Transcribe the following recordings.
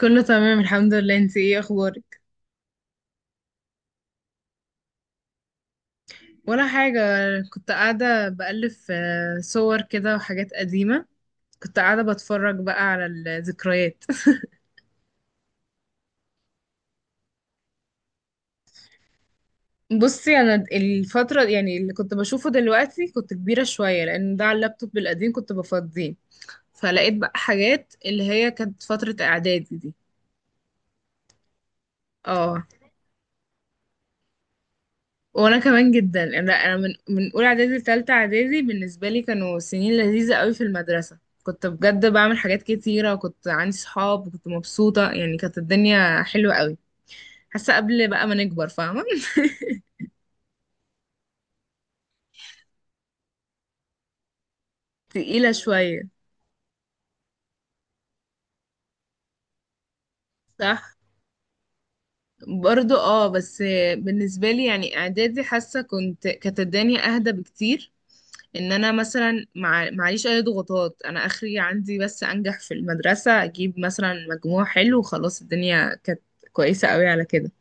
كله تمام، الحمد لله. انت ايه اخبارك؟ ولا حاجة. كنت قاعدة بألف في صور كده وحاجات قديمة. كنت قاعدة بتفرج بقى على الذكريات. بصي، انا الفترة يعني اللي كنت بشوفه دلوقتي كنت كبيرة شوية، لان ده على اللابتوب القديم كنت بفضيه، فلقيت بقى حاجات اللي هي كانت فترة اعدادي دي. اه، وانا كمان جدا. انا من اولى اعدادي لتالتة اعدادي، بالنسبه لي كانوا سنين لذيذه قوي. في المدرسه كنت بجد بعمل حاجات كتيره، وكنت عندي صحاب، وكنت مبسوطه، يعني كانت الدنيا حلوه قوي. حاسه قبل بقى ما نكبر، فاهمه؟ تقيله شويه. صح، برضو اه بس بالنسبه لي يعني اعدادي حاسه كنت كانت الدنيا اهدى بكتير. ان انا مثلا معيش اي ضغوطات، انا اخري عندي بس انجح في المدرسة، اجيب مثلا مجموع حلو، وخلاص الدنيا كانت كويسة قوي على كده.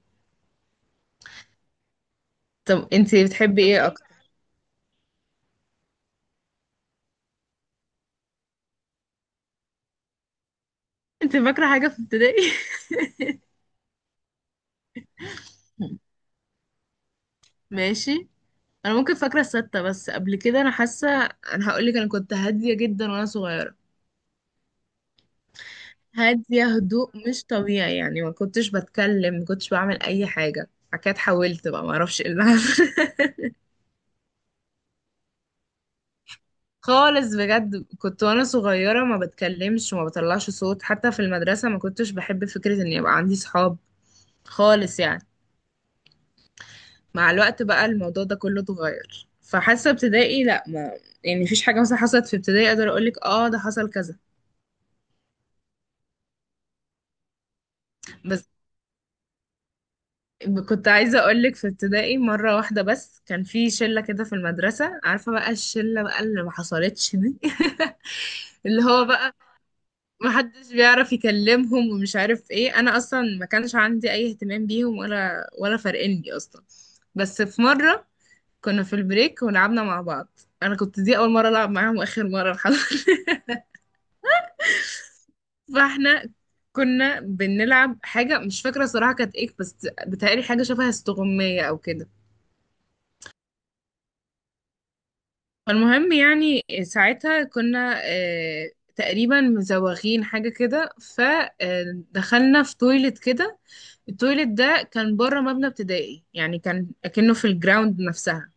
طب انتي بتحبي ايه اكتر؟ انت فاكرة حاجة في ابتدائي؟ ماشي. انا ممكن فاكرة الستة، بس قبل كده انا حاسة انا هقولك انا كنت هادية جدا وانا صغيرة. هادية هدوء مش طبيعي، يعني ما كنتش بتكلم، ما كنتش بعمل اي حاجة. بعد كده اتحولت بقى، ما اعرفش ايه اللي حصل. خالص بجد، كنت وانا صغيرة ما بتكلمش وما بطلعش صوت، حتى في المدرسة ما كنتش بحب فكرة ان يبقى عندي صحاب خالص يعني. مع الوقت بقى الموضوع ده كله اتغير، فحاسة ابتدائي لا ما يعني مفيش حاجة مثلا حصلت في ابتدائي اقدر اقولك اه ده حصل كذا. بس كنت عايزة اقولك، في ابتدائي مرة واحدة بس كان في شلة كده في المدرسة، عارفة بقى الشلة بقى اللي ما حصلتش دي. اللي هو بقى محدش بيعرف يكلمهم ومش عارف ايه، انا اصلا ما كانش عندي اي اهتمام بيهم ولا فارقني اصلا. بس في مره كنا في البريك ولعبنا مع بعض، انا كنت دي اول مره العب معاهم واخر مره، الحمد لله. فاحنا كنا بنلعب حاجه مش فاكره صراحه كانت ايه، بس بتهيألي حاجه شبه استغمايه او كده. فالمهم يعني ساعتها كنا تقريبا مزوغين حاجه كده، فدخلنا في تويلت كده. التويليت ده كان بره مبنى ابتدائي، يعني كان اكنه في الجراوند نفسها.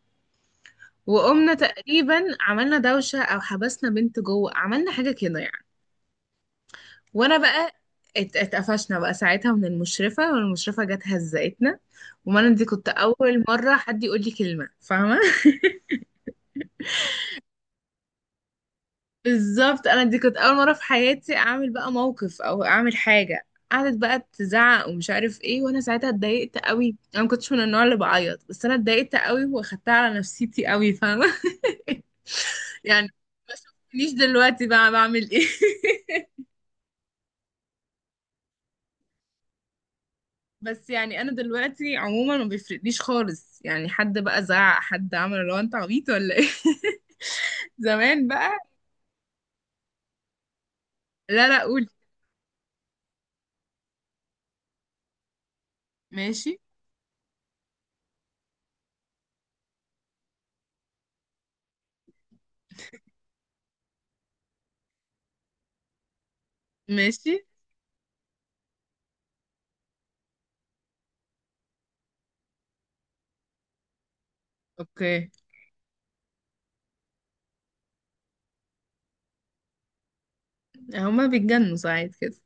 وقمنا تقريبا عملنا دوشة او حبسنا بنت جوه، عملنا حاجة كده يعني. وانا بقى اتقفشنا بقى ساعتها من المشرفة، والمشرفة جت هزقتنا. وانا دي كنت اول مرة حد يقول لي كلمة، فاهمة؟ بالظبط، انا دي كنت اول مره في حياتي اعمل بقى موقف او اعمل حاجه، قعدت بقى تزعق ومش عارف ايه. وانا ساعتها اتضايقت قوي، انا ما كنتش من النوع اللي بعيط، بس انا اتضايقت قوي واخدتها على نفسيتي قوي، فاهمه؟ يعني ما شفتنيش دلوقتي بقى بعمل ايه. بس يعني انا دلوقتي عموما ما بيفرقليش خالص، يعني حد بقى زعق، حد عمل اللي هو انت عبيط ولا ايه. زمان بقى. لا لا، قول. ماشي. ماشي. اوكي. هما بيتجنوا ساعات كده.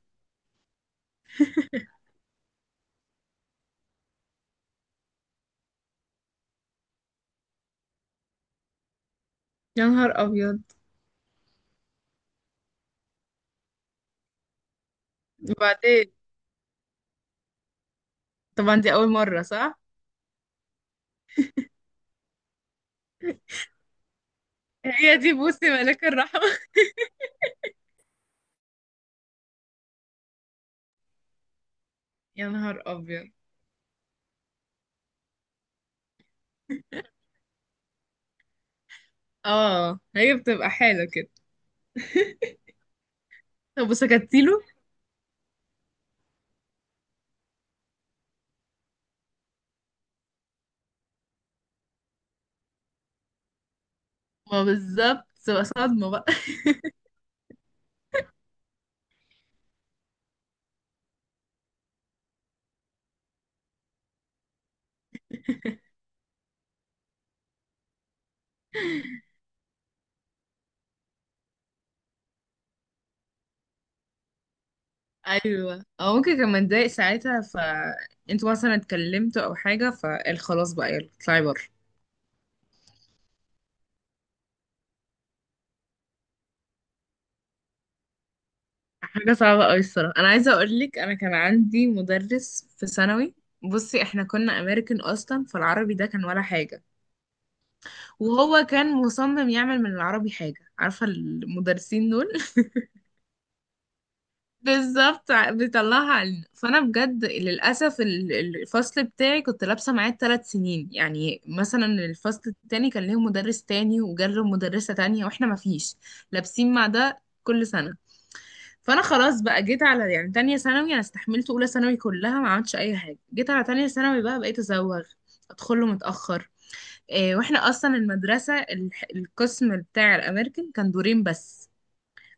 يا نهار ابيض. وبعدين؟ طبعا دي اول مرة، صح. هي دي بوسي ملاك الرحمة. يا نهار ابيض. اه، هي بتبقى حالة كده. طب وسكتيله؟ ما بالظبط تبقى صدمة بقى. ايوه، او ممكن كان متضايق ساعتها، ف انتوا مثلا اتكلمتوا او حاجة فقال خلاص بقى يلا اطلعي بره. حاجة صعبة أوي الصراحة. أنا عايزة أقولك، أنا كان عندي مدرس في ثانوي. بصي، احنا كنا أمريكان أصلا، فالعربي ده كان ولا حاجة. وهو كان مصمم يعمل من العربي حاجة، عارفة المدرسين دول؟ بالظبط. بيطلعها علينا. فانا بجد للاسف الفصل بتاعي كنت لابسه معاه ثلاث سنين، يعني مثلا الفصل التاني كان ليه مدرس تاني وجاله مدرسه تانية، واحنا ما فيش لابسين مع ده كل سنه. فانا خلاص بقى جيت على يعني تانية ثانوي، انا استحملت اولى ثانوي كلها ما عملتش اي حاجه، جيت على تانية ثانوي بقى بقيت ازوغ، ادخله متاخر. واحنا اصلا المدرسه القسم بتاع الامريكان كان دورين بس،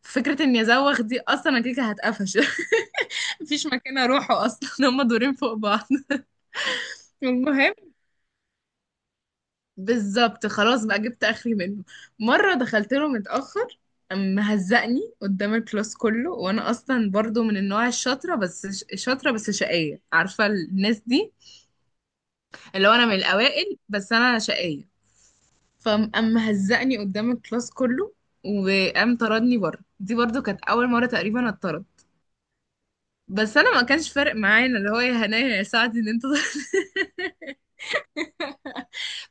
فكره اني ازوغ دي اصلا انا كده كده هتقفش. مفيش مكان اروحه اصلا. هما دورين فوق بعض. المهم، بالظبط خلاص بقى جبت اخري منه. مره دخلت له متاخر، قام مهزقني قدام الكلاس كله، وانا اصلا برضو من النوع الشاطره بس شاطره بس شقيه، عارفه الناس دي؟ اللي هو انا من الاوائل بس انا شقيه. فقام مهزقني قدام الكلاس كله وقام طردني بره، دي برضو كانت اول مره تقريبا اتطرد. بس انا ما كانش فارق معايا، إن اللي هو يا هنايا يا سعدي ان انت.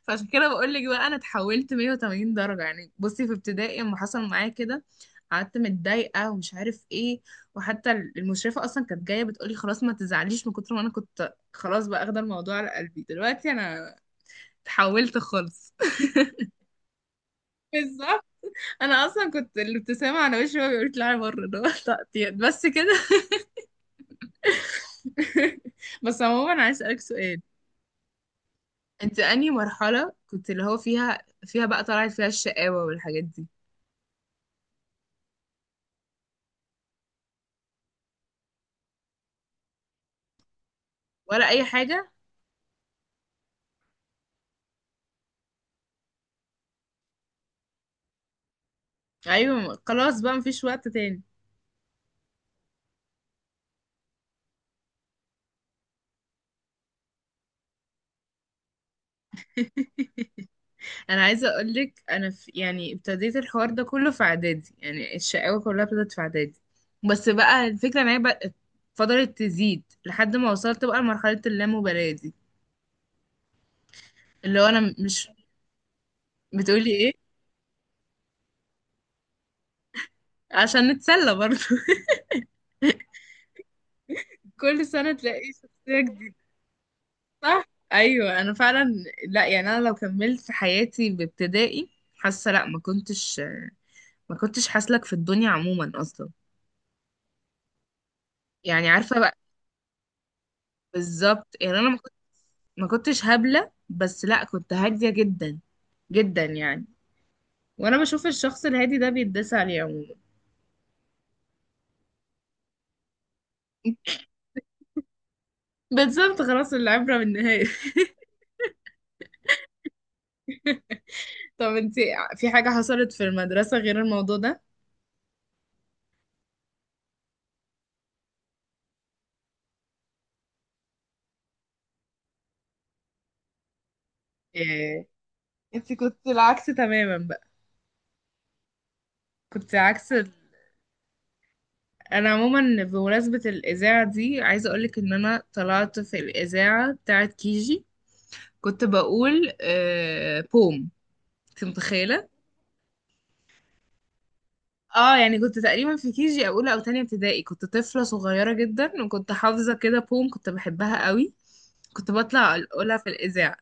فعشان كده بقول لك بقى انا اتحولت 180 درجه. يعني بصي، في ابتدائي لما حصل معايا كده قعدت متضايقه ومش عارف ايه، وحتى المشرفه اصلا كانت جايه بتقولي خلاص ما تزعليش، من كتر ما انا كنت خلاص بقى اخده الموضوع على قلبي. دلوقتي انا اتحولت خالص. بالظبط. انا اصلا كنت الابتسامه على وشي وهو بيقول طلعي بره، اللي هو تقطيع. بس كده. بس عموما، عايز اسالك سؤال، انت انهي مرحله كنت اللي هو فيها بقى طلعت فيها الشقاوه والحاجات دي؟ ولا اي حاجه. ايوه، خلاص بقى مفيش وقت تاني. انا عايزه اقول لك، انا في يعني ابتديت الحوار ده كله في اعدادي، يعني الشقاوه كلها ابتدت في اعدادي، بس بقى الفكره ان هي بقى فضلت تزيد لحد ما وصلت بقى لمرحله اللامبالاه دي. اللي هو انا مش بتقولي ايه؟ عشان نتسلى برضه كل سنة تلاقي شخصية جديدة، صح؟ أيوة أنا فعلا. لا يعني أنا لو كملت حياتي بابتدائي، حاسة لا ما كنتش حاسلك في الدنيا عموما أصلا. يعني عارفة بقى، بالظبط يعني. أنا ما كنت- ما كنتش هبلة، بس لا كنت هادية جدا جدا يعني. وأنا بشوف الشخص الهادي ده بيتداس عليه عموما. بالظبط، خلاص، العبرة بالنهاية. طب انتي، في حاجة حصلت في المدرسة غير الموضوع ده؟ إيه. انتي كنت العكس تماما بقى. كنت عكس. انا عموما بمناسبة الاذاعة دي عايزة اقولك، ان انا طلعت في الاذاعة بتاعت كيجي، كنت بقول آه بوم، انت متخيلة؟ اه يعني كنت تقريبا في كيجي اولى او تانية ابتدائي، كنت طفلة صغيرة جدا وكنت حافظة كده بوم، كنت بحبها قوي، كنت بطلع اقولها في الاذاعة.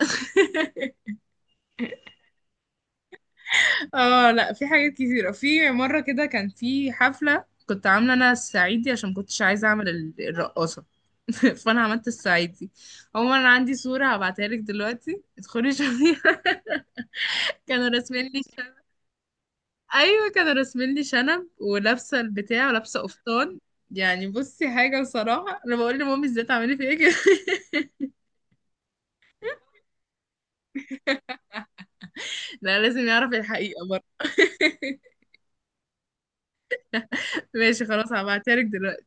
اه، لا في حاجات كتيرة. في مرة كده كان في حفلة، كنت عاملة انا الصعيدي عشان كنتش عايزة اعمل الرقاصة. فانا عملت الصعيدي. عموما انا عندي صوره هبعتها لك دلوقتي، ادخلي شوفيها. كانوا راسمين لي شنب. ايوه كانوا راسمين لي شنب، ولابسه البتاع ولابسه قفطان، يعني. بصي حاجه بصراحه، انا بقول لمامي ازاي تعملي فيا كده. لا لازم يعرف الحقيقه برضه. ماشي، خلاص، هبعتها لك دلوقتي.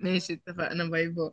ماشي، اتفقنا، باي باي.